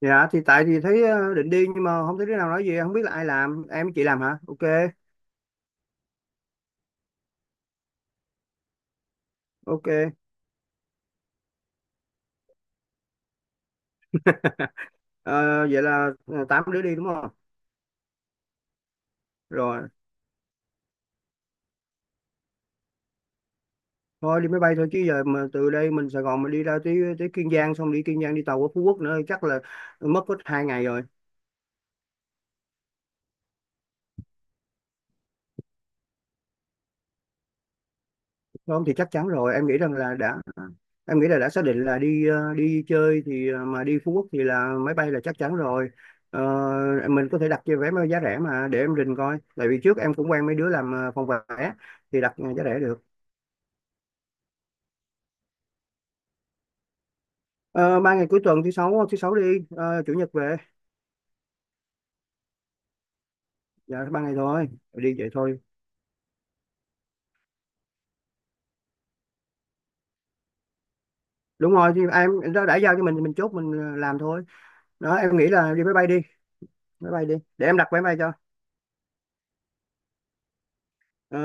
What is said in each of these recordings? Dạ thì tại thì thấy định đi, nhưng mà không thấy đứa nào nói gì, không biết là ai làm. Em với chị làm hả? Ok, ok. Ờ, vậy là tám đứa đi đúng không? Rồi, thôi đi máy bay thôi, chứ giờ mà từ đây mình Sài Gòn mình đi ra tới tới Kiên Giang, xong đi Kiên Giang đi tàu qua Phú Quốc nữa chắc là mất hết 2 ngày rồi. Không thì chắc chắn rồi, em nghĩ rằng là đã, em nghĩ là đã xác định là đi đi chơi thì mà đi Phú Quốc thì là máy bay là chắc chắn rồi. Ờ, mình có thể đặt cho vé máy giá rẻ mà, để em rình coi, tại vì trước em cũng quen mấy đứa làm phòng vé, thì đặt giá rẻ được. Ờ, ba ngày cuối tuần, thứ sáu đi, chủ nhật về, dạ 3 ngày thôi, đi vậy thôi. Đúng rồi, thì em, nó đã giao cho mình thì mình chốt mình làm thôi. Đó, em nghĩ là đi máy bay đi, máy bay đi để em đặt vé máy bay cho. Ờ,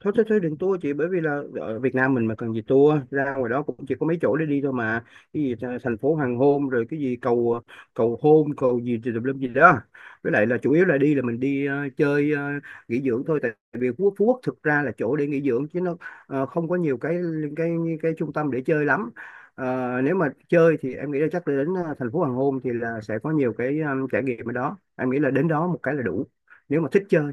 thôi thôi thôi đừng tour chị, bởi vì là ở Việt Nam mình mà cần gì tour, ra ngoài đó cũng chỉ có mấy chỗ để đi thôi mà, cái gì thành phố hoàng hôn, rồi cái gì cầu cầu hôn cầu gì thì tùm lum gì đó. Với lại là chủ yếu là đi là mình đi chơi nghỉ dưỡng thôi, tại vì Phú Quốc thực ra là chỗ để nghỉ dưỡng, chứ nó không có nhiều cái cái trung tâm để chơi lắm. Ờ, nếu mà chơi thì em nghĩ là chắc là đến thành phố hoàng hôn thì là sẽ có nhiều cái trải nghiệm ở đó, em nghĩ là đến đó một cái là đủ, nếu mà thích chơi.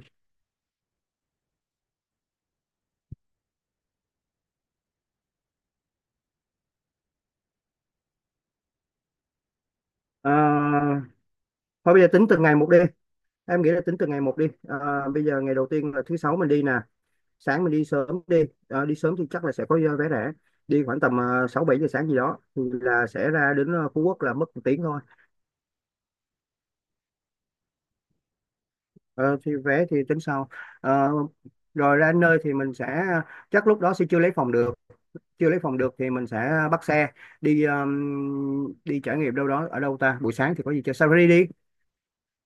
Ờ, thôi bây giờ tính từng ngày một đi, em nghĩ là tính từ ngày một đi. Ờ, bây giờ ngày đầu tiên là thứ sáu mình đi nè, sáng mình đi sớm đi. Ờ, đi sớm thì chắc là sẽ có vé rẻ, đi khoảng tầm sáu bảy giờ sáng gì đó, thì là sẽ ra đến Phú Quốc là mất 1 tiếng thôi. Ờ, thì vé thì tính sau. Ờ, rồi ra đến nơi thì mình sẽ, chắc lúc đó sẽ chưa lấy phòng được, chưa lấy phòng được thì mình sẽ bắt xe đi đi trải nghiệm đâu đó. Ở đâu ta, buổi sáng thì có gì chơi? Safari đi,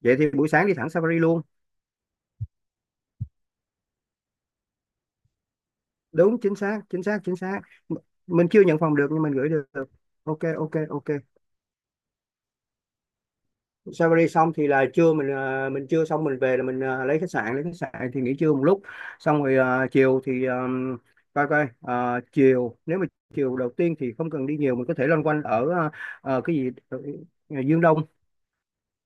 vậy thì buổi sáng đi thẳng Safari luôn. Đúng, chính xác chính xác chính xác. M- mình chưa nhận phòng được nhưng mình gửi được. Ok, ok, ok. Salary xong thì là trưa mình mình trưa xong mình về là mình lấy khách sạn, thì nghỉ trưa một lúc, xong rồi chiều thì coi coi, chiều nếu mà chiều đầu tiên thì không cần đi nhiều, mình có thể loanh quanh ở cái gì Dương Đông,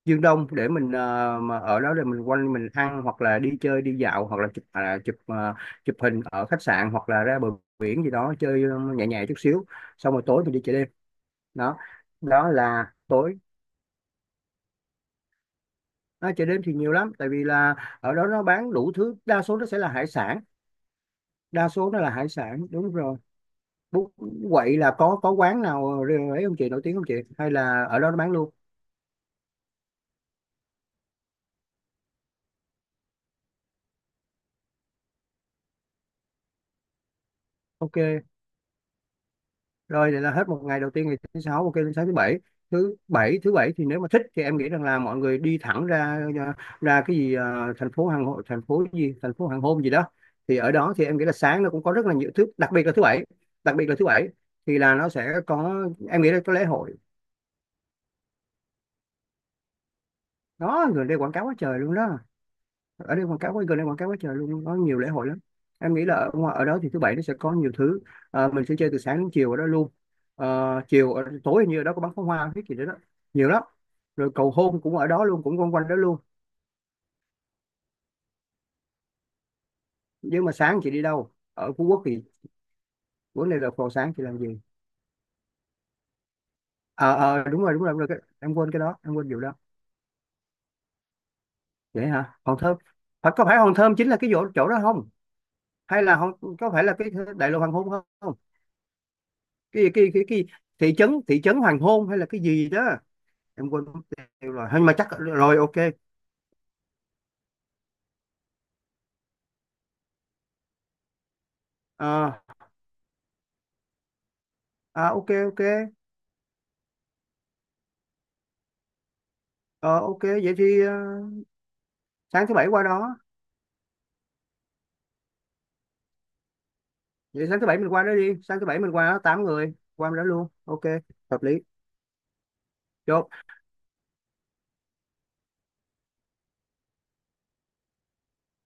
Để mình mà ở đó để mình quanh mình ăn hoặc là đi chơi đi dạo hoặc là chụp, chụp chụp hình ở khách sạn hoặc là ra bờ biển gì đó, chơi nhẹ nhẹ chút xíu, xong rồi tối mình đi chợ đêm đó. Đó là tối. À, chợ đêm thì nhiều lắm, tại vì là ở đó nó bán đủ thứ, đa số nó sẽ là hải sản, đa số nó là hải sản đúng rồi. Bún quậy là có quán nào ấy không chị, nổi tiếng không chị, hay là ở đó nó bán luôn? Ok. Rồi vậy là hết một ngày đầu tiên, ngày thứ sáu, ok. Lên sáng thứ bảy, thứ bảy thì nếu mà thích thì em nghĩ rằng là mọi người đi thẳng ra ra cái gì thành phố hàng hội, thành phố gì, thành phố hàng hôm gì đó. Thì ở đó thì em nghĩ là sáng nó cũng có rất là nhiều thứ, đặc biệt là thứ bảy. đặc biệt là thứ bảy thì là nó sẽ có, em nghĩ là có lễ hội đó. Người đây quảng cáo quá trời luôn đó, ở đây quảng cáo quá gần đây quảng cáo quá trời luôn, có nhiều lễ hội lắm. Em nghĩ là ở đó thì thứ bảy nó sẽ có nhiều thứ. Ờ, mình sẽ chơi từ sáng đến chiều ở đó luôn. Ờ, chiều tối hình như ở đó có bắn pháo hoa cái gì đó, đó nhiều lắm. Rồi cầu hôn cũng ở đó luôn, cũng quanh quanh đó luôn. Nhưng mà sáng chị đi đâu ở Phú Quốc thì, vấn đề là vào sáng chị làm gì? Ờ ờ đúng rồi đúng rồi, đúng rồi. Cái, em quên cái đó, em quên vụ đó. Vậy hả Hòn Thơm, phải có phải Hòn Thơm chính là cái chỗ chỗ đó không, hay là Hòn, có phải là cái đại lộ hoàng hôn không? Cái thị trấn hoàng hôn hay là cái gì đó, em quên mất tiêu rồi, nhưng mà chắc rồi ok. Ờ, à, ok, ok. Ờ, ok, vậy thì sáng thứ bảy qua đó, vậy sáng thứ bảy mình qua đó đi, sáng thứ bảy mình qua đó, tám người qua đó luôn, ok. Hợp lý. Chốt.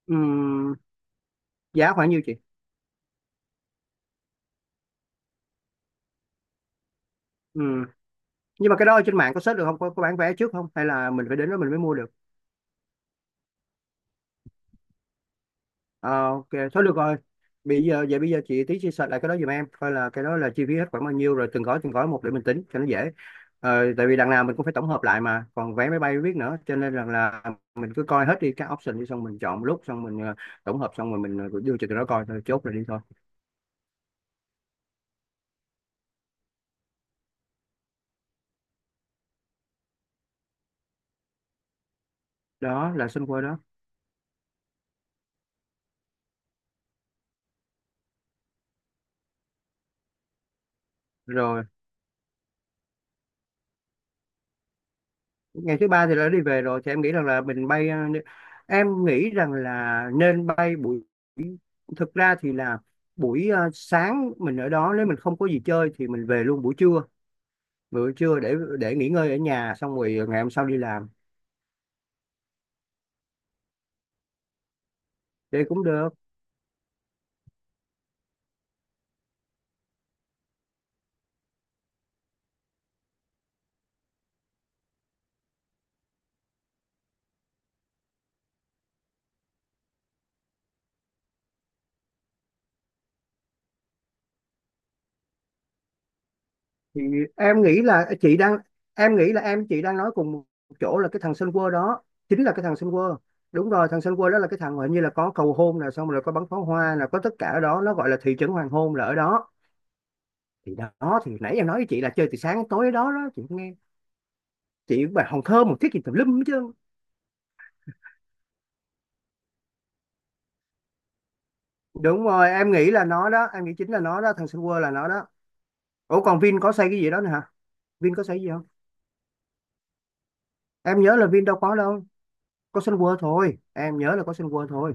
Ừm, giá khoảng nhiêu chị? Ừm, nhưng mà cái đó ở trên mạng có search được không, có bán vé trước không, hay là mình phải đến đó mình mới mua được? Ờ, ok, thôi được rồi. Bây giờ vậy bây giờ chị tí chia sẻ lại cái đó giùm em coi, là cái đó là chi phí hết khoảng bao nhiêu, rồi từng gói một để mình tính cho nó dễ. Ờ, tại vì đằng nào mình cũng phải tổng hợp lại mà còn vé máy bay biết nữa, cho nên là mình cứ coi hết đi các option đi, xong mình chọn một lúc, xong mình tổng hợp xong rồi mình đưa cho tụi nó coi thôi, chốt rồi đi thôi. Đó là xung quanh đó. Rồi ngày thứ ba thì đã đi về rồi thì em nghĩ rằng là mình bay em nghĩ rằng là nên bay buổi, thực ra thì là buổi sáng mình ở đó, nếu mình không có gì chơi thì mình về luôn buổi trưa, buổi trưa để nghỉ ngơi ở nhà, xong rồi ngày hôm sau đi làm. Đây cũng được. Thì em nghĩ là chị đang, em nghĩ là em chị đang nói cùng một chỗ là cái thằng Sun World đó, chính là cái thằng Sun World. Đúng rồi, thằng Sun World đó là cái thằng mà hình như là có cầu hôn là xong rồi có bắn pháo hoa, là có tất cả ở đó, nó gọi là thị trấn hoàng hôn là ở đó. Thì đó thì nãy em nói với chị là chơi từ sáng đến tối đó, đó chị nghe, chị bài hòn thơm một thiết gì tùm lum hết trơn. Đúng rồi em nghĩ là nó đó, em nghĩ chính là nó đó, thằng Sun World là nó đó. Ủa còn Vin có xây cái gì đó nữa hả? Vin có xây gì không? Em nhớ là Vin đâu có đâu, có Sun World thôi, em nhớ là có Sun World thôi.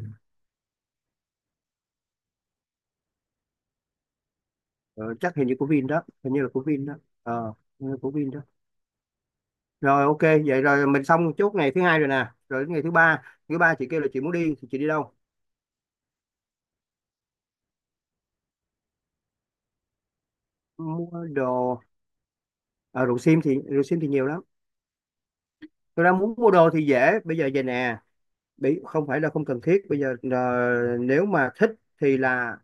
Ờ, chắc hình như của Vin đó, hình như là của Vin đó. Ờ, hình như của Vin đó. Rồi ok vậy rồi mình xong chốt ngày thứ hai rồi nè, rồi đến ngày thứ ba. Thứ ba chị kêu là chị muốn đi thì chị đi đâu? Mua đồ. À, rượu sim thì nhiều lắm. Tôi đang muốn mua đồ thì dễ, bây giờ về nè, bị không phải là không cần thiết bây giờ là, nếu mà thích thì là,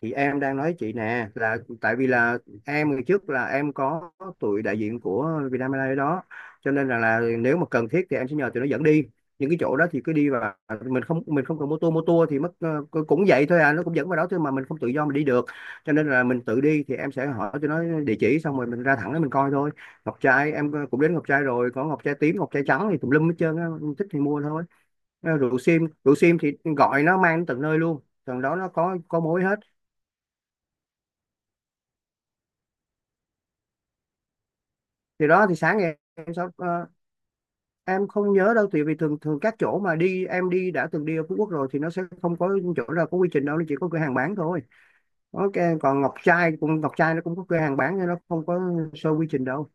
chị em đang nói chị nè, là tại vì là em ngày trước là em có tụi đại diện của Vietnam Airlines đó, cho nên là nếu mà cần thiết thì em sẽ nhờ tụi nó dẫn đi những cái chỗ đó thì cứ đi, và mình không cần, mô tô thì mất cũng vậy thôi à, nó cũng dẫn vào đó thôi mà mình không tự do mình đi được, cho nên là mình tự đi thì em sẽ hỏi tụi nó địa chỉ, xong rồi mình ra thẳng đó mình coi thôi. Ngọc trai em cũng đến ngọc trai rồi, có ngọc trai tím ngọc trai trắng thì tùm lum hết trơn á, thích thì mua thôi. Ờ, rượu sim thì gọi nó mang đến tận nơi luôn, tận đó nó có mối hết. Thì đó thì sáng ngày em sau, em không nhớ đâu, tại vì thường thường các chỗ mà đi em đi đã từng đi ở Phú Quốc rồi thì nó sẽ không có chỗ nào có quy trình đâu, nó chỉ có cửa hàng bán thôi. Ok. Còn Ngọc Trai nó cũng có cửa hàng bán nhưng nó không có show quy trình đâu.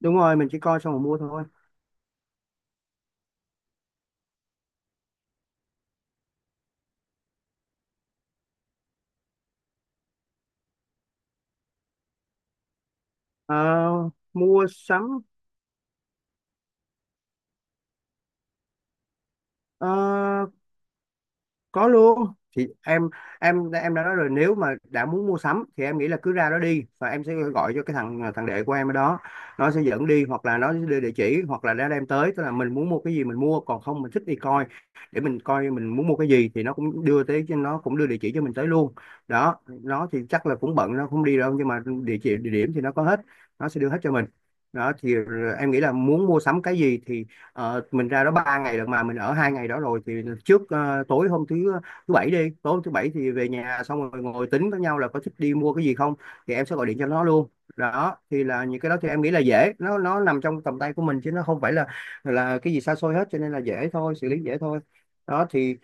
Đúng rồi, mình chỉ coi xong rồi mua thôi. Ờ, mua sắm. Ờ, có luôn. Thì em đã nói rồi, nếu mà đã muốn mua sắm thì em nghĩ là cứ ra đó đi, và em sẽ gọi cho cái thằng thằng đệ của em ở đó. Nó sẽ dẫn đi, hoặc là nó sẽ đưa địa chỉ, hoặc là nó đem tới, tức là mình muốn mua cái gì mình mua, còn không mình thích đi coi, để mình coi mình muốn mua cái gì thì nó cũng đưa tới, nó cũng đưa địa chỉ cho mình tới luôn. Đó, nó thì chắc là cũng bận, nó không đi đâu nhưng mà địa chỉ, địa điểm thì nó có hết. Nó sẽ đưa hết cho mình. Đó thì em nghĩ là muốn mua sắm cái gì thì mình ra đó 3 ngày được mà mình ở 2 ngày đó rồi thì tối hôm thứ bảy đi, tối hôm thứ bảy thì về nhà xong rồi ngồi tính với nhau là có thích đi mua cái gì không, thì em sẽ gọi điện cho nó luôn. Đó thì là những cái đó thì em nghĩ là dễ, nó nằm trong tầm tay của mình chứ nó không phải là cái gì xa xôi hết, cho nên là dễ thôi, xử lý dễ thôi. Đó thì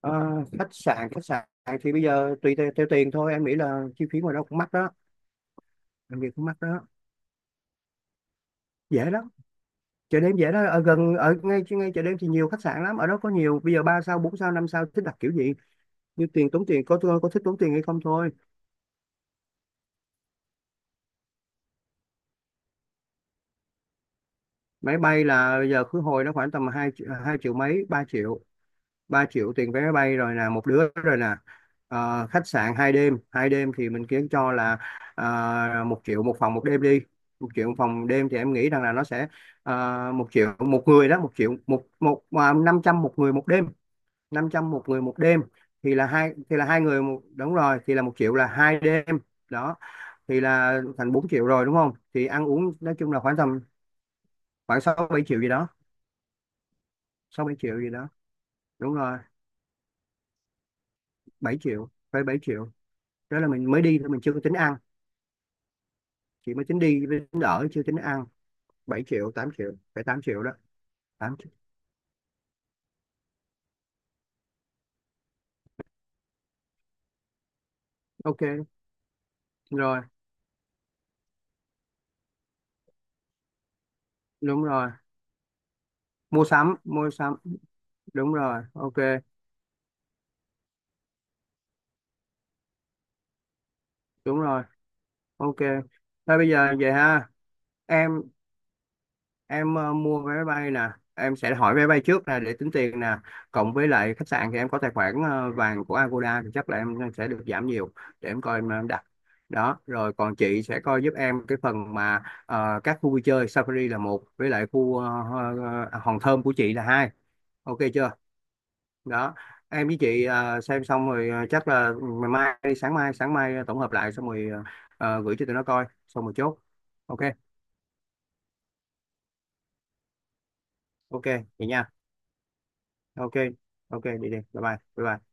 ờ, khách sạn thì bây giờ tùy theo tiền thôi, em nghĩ là chi phí ngoài đó cũng mắc đó, làm việc cũng mắc đó. Dễ lắm, chợ đêm dễ đó, ở gần, ở ngay ngay chợ đêm thì nhiều khách sạn lắm, ở đó có nhiều, bây giờ ba sao bốn sao năm sao thích đặt kiểu gì. Như tiền, tốn tiền, có thích tốn tiền hay không thôi. Máy bay là bây giờ khứ hồi nó khoảng tầm hai hai triệu mấy, 3 triệu. Ba triệu tiền vé máy bay rồi nè, một đứa rồi nè. Khách sạn 2 đêm, 2 đêm thì mình kiến cho là à, 1 triệu một phòng 1 đêm đi. Một triệu một phòng đêm thì em nghĩ rằng là nó sẽ à, 1 triệu một người đó, 1 triệu một một à, 500 một người 1 đêm. 500 một người một đêm thì là hai, thì là hai người một, đúng rồi, thì là 1 triệu là 2 đêm. Đó thì là thành 4 triệu rồi đúng không, thì ăn uống nói chung là khoảng tầm khoảng sáu bảy triệu gì đó. Sáu bảy triệu gì đó. Đúng rồi, 7 triệu, phải 7 triệu. Đó là mình mới đi thôi, mình chưa có tính ăn, chỉ mới tính đi với tính ở chưa tính ăn. 7 triệu, 8 triệu, phải 8 triệu đó. 8 triệu. Ok rồi. Đúng rồi, mua sắm, mua sắm. Đúng rồi, ok. Đúng rồi. Ok. Thôi bây giờ vậy ha. Em em mua vé bay nè, em sẽ hỏi vé bay trước nè để tính tiền nè, cộng với lại khách sạn thì em có tài khoản vàng của Agoda thì chắc là em sẽ được giảm nhiều. Để em coi em đặt. Đó rồi còn chị sẽ coi giúp em cái phần mà các khu vui chơi Safari là một, với lại khu Hòn Thơm của chị là hai. Ok chưa. Đó. Em với chị xem xong rồi chắc là ngày mai đi, sáng mai, sáng mai tổng hợp lại xong rồi gửi cho tụi nó coi xong rồi chốt. Ok. Ok, vậy nha. Ok. Ok, đi đi, bye bye bye bye.